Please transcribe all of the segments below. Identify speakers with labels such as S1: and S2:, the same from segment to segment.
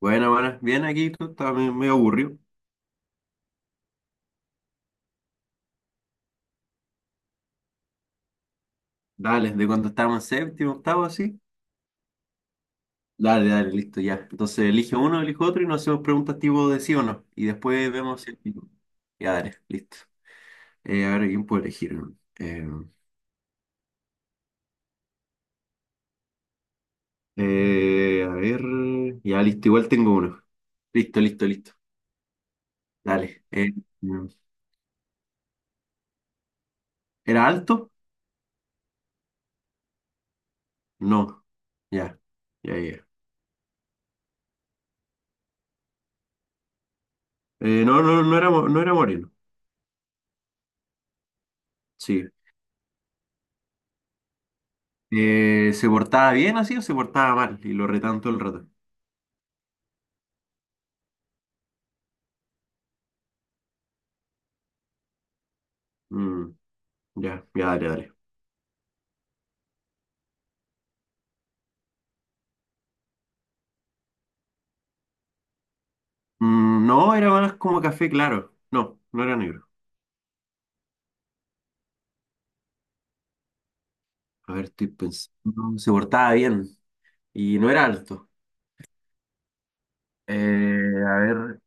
S1: Bueno, bueno, bien aquí, tú estás medio aburrido. Dale, de cuando estábamos en séptimo, octavo, así. Dale, dale, listo, ya. Entonces elige uno, elijo otro y nos hacemos preguntas tipo de sí o no. Y después vemos si... Ya, dale, listo. A ver, ¿quién puede elegir? Eh, a ver, ya, listo, igual tengo uno. Listo, listo, listo. Dale. Mm, ¿Era alto? No. Ya, ya, ya. No, no, no era moreno. Sí. ¿Se portaba bien así o se portaba mal? Y lo retan todo el rato. Mm, ya, ya, dale, dale. No, era más como café claro. No, no era negro. A ver, estoy pensando. Se portaba bien y no era alto. Eh, a ver,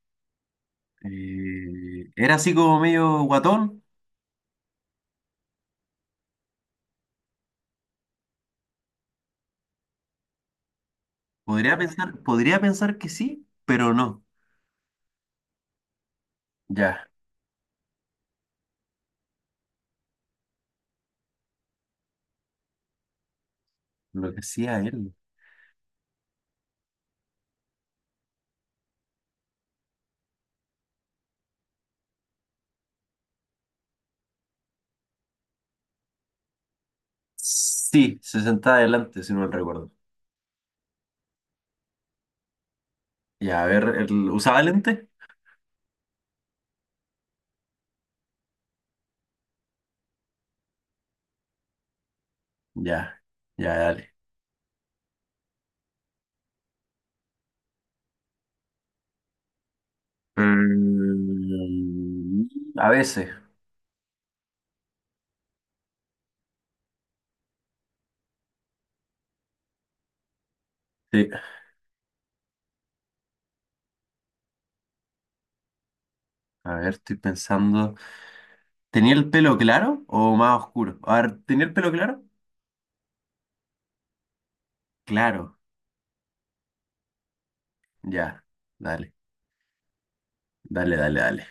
S1: Era así como medio guatón. Podría pensar que sí, pero no. Ya, lo que hacía él. Sí, se sentaba adelante, si no me recuerdo. Ya, a ver, él ¿usaba lente? Ya, ya, dale. Mm, a veces. Sí. A ver, estoy pensando. ¿Tenía el pelo claro o más oscuro? A ver, ¿tenía el pelo claro? Claro. Ya. Dale, dale, dale, dale.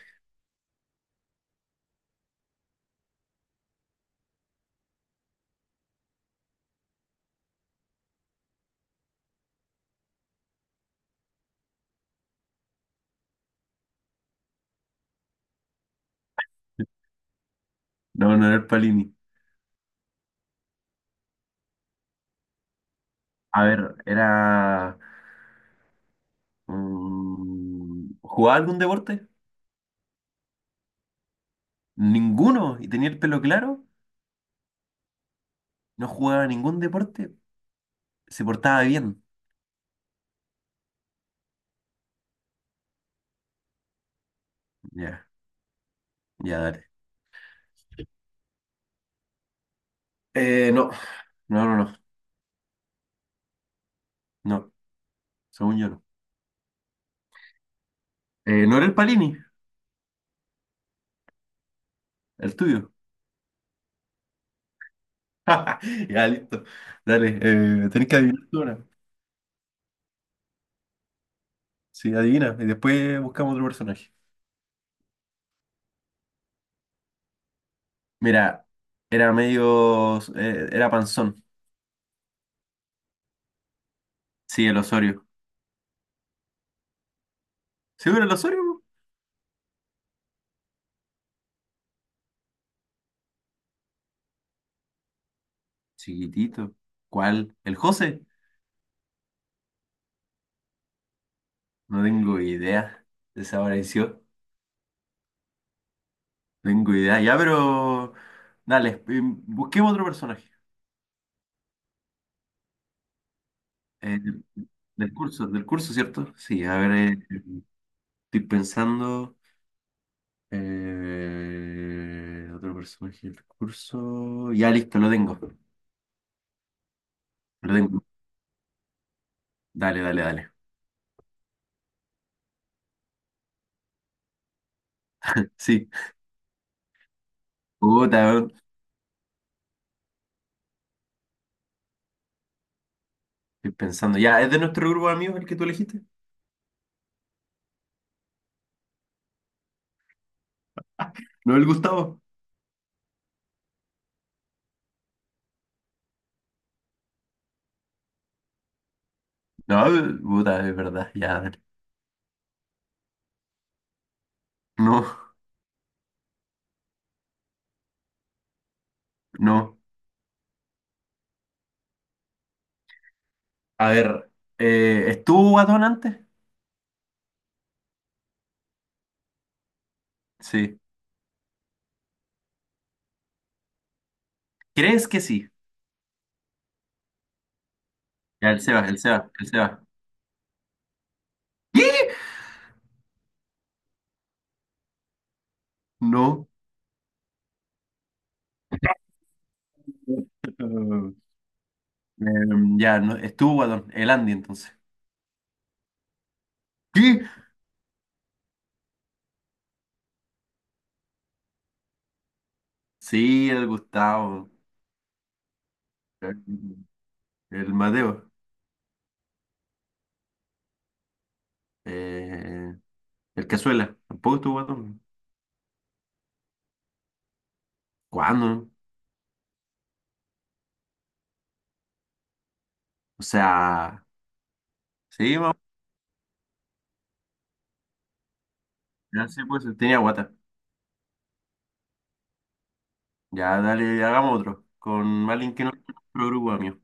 S1: No, no era el Palini. A ver, ¿jugaba algún deporte? Ninguno. ¿Y tenía el pelo claro? No jugaba ningún deporte. Se portaba bien. Ya, ya, dale. No. No, no, no. No. Según yo no. ¿No era el Palini? El tuyo. Ya, listo. Dale, tenés que adivinar tú ahora. Sí, adivina. Y después buscamos otro personaje. Mira, era medio. Era panzón. Sí, el Osorio. ¿Sí era el Osorio? Po? Chiquitito. ¿Cuál? ¿El José? No tengo idea. Desapareció. No tengo idea. Ya, pero. Dale, busquemos otro personaje. Eh, del curso ¿cierto? Sí, a ver, estoy pensando. Otro personaje del curso. Ya listo, lo tengo. Lo tengo. Dale, dale, dale. Sí. Puta, weón. Estoy pensando. Ya, ¿es de nuestro grupo de amigos el que tú elegiste? ¿No el Gustavo? No, puta, es verdad. Ya, dale. No, no. A ver, ¿estuvo guatón antes? Sí. ¿Crees que sí? Ya, el Seba. ¿Qué? No. Ya, no, estuvo guatón. El Andy, entonces. ¿Qué? Sí, el Gustavo. El Madeo, eh, el Cazuela, tampoco estuvo guatón. ¿Cuándo? O sea, sí, vamos, ya sí, pues tenía guata. Ya dale, hagamos otro, con alguien que no es nuestro grupo, amigo.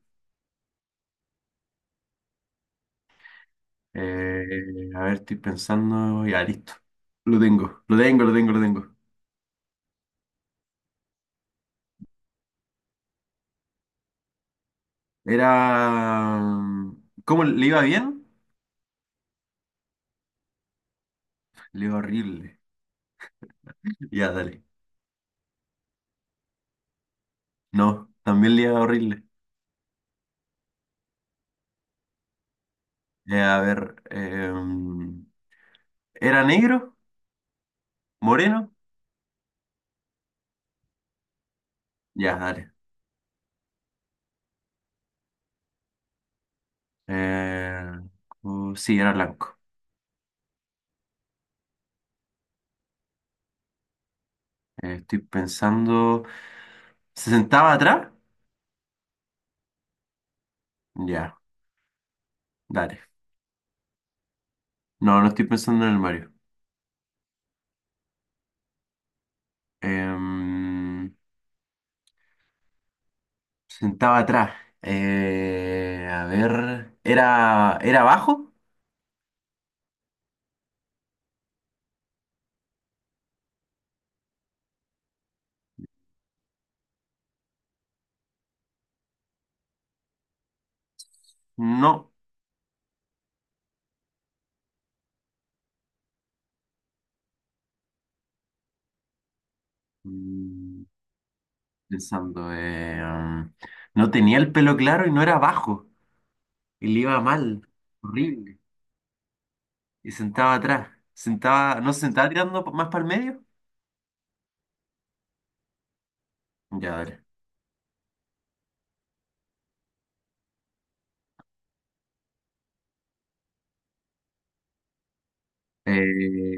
S1: Eh, a ver, estoy pensando, ya listo. Lo tengo. Era... ¿Cómo le iba bien? Le iba horrible. Ya, dale. No, también le iba horrible. Eh, a ver, em, ¿Era negro? ¿Moreno? Ya, dale. Eh, sí, era blanco. Estoy pensando. ¿Se sentaba atrás? Ya, dale. No, no estoy pensando en el Mario. Em, Se sentaba atrás. A ver. ¿Era bajo? No. Mm, Pensando. No tenía el pelo claro y no era bajo. Y le iba mal. Horrible. Y sentaba atrás. Sentaba, ¿no se sentaba tirando más para el medio? Ya, dale.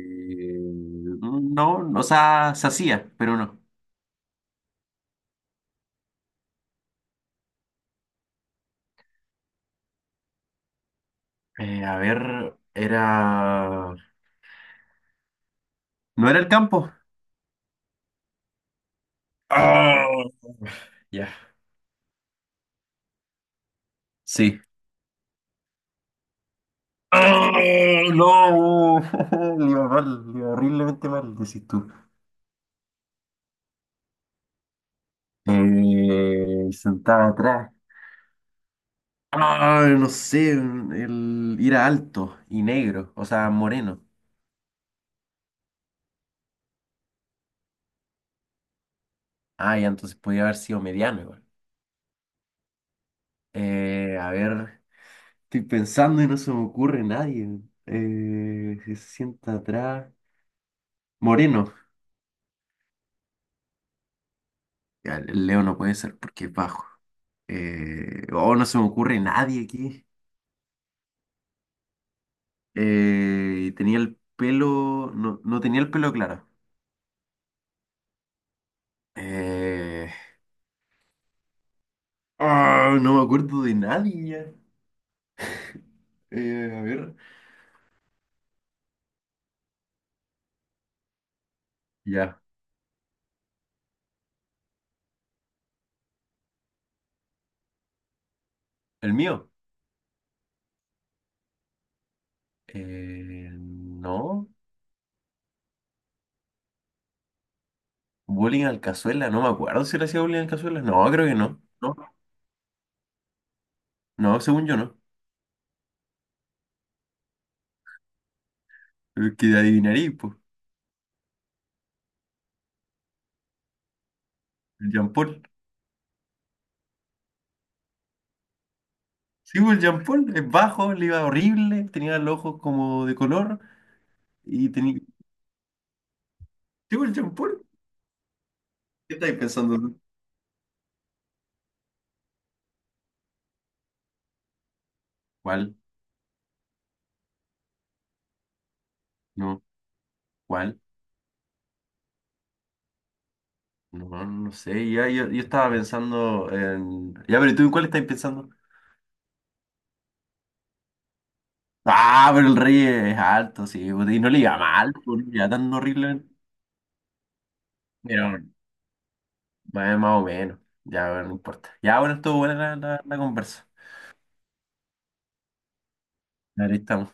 S1: No, o sea, se hacía, pero no. A ver, era... ¿No era el campo? Ah, ya. Sí. Ah, no, le iba mal, le iba horriblemente mal, decís tú. Sentaba atrás. Ah, no sé, era alto y negro, o sea, moreno. Ah, ya, entonces podía haber sido mediano igual. A ver. Estoy pensando y no se me ocurre nadie. Se sienta atrás. Moreno. Ya, el Leo no puede ser porque es bajo. Oh, no se me ocurre nadie aquí. Tenía el pelo. No, no tenía el pelo claro. Eh, no me acuerdo de nadie ya. A ver. Ya. El mío. No. Bullying al cazuela. No me acuerdo si le hacía bullying al cazuela. No, creo que no. No, no, según yo no. Pero es Que adivinaría, el Jean Paul. Sí, pues, el Jean Paul es bajo, le iba horrible, tenía los ojos como de color y tenía... Sí, pues, el Jean Paul. ¿Qué estáis pensando tú? ¿Cuál? No, ¿cuál? No, no sé, ya, yo estaba pensando en... Ya, pero ¿tú en cuál estás pensando? Ah, pero el rey es alto, sí, pues, y no le iba mal, pues, no le iba tan horrible. Pero bueno, más o menos, ya, bueno, no importa. Ya, bueno, estuvo buena la conversa. Ahí estamos.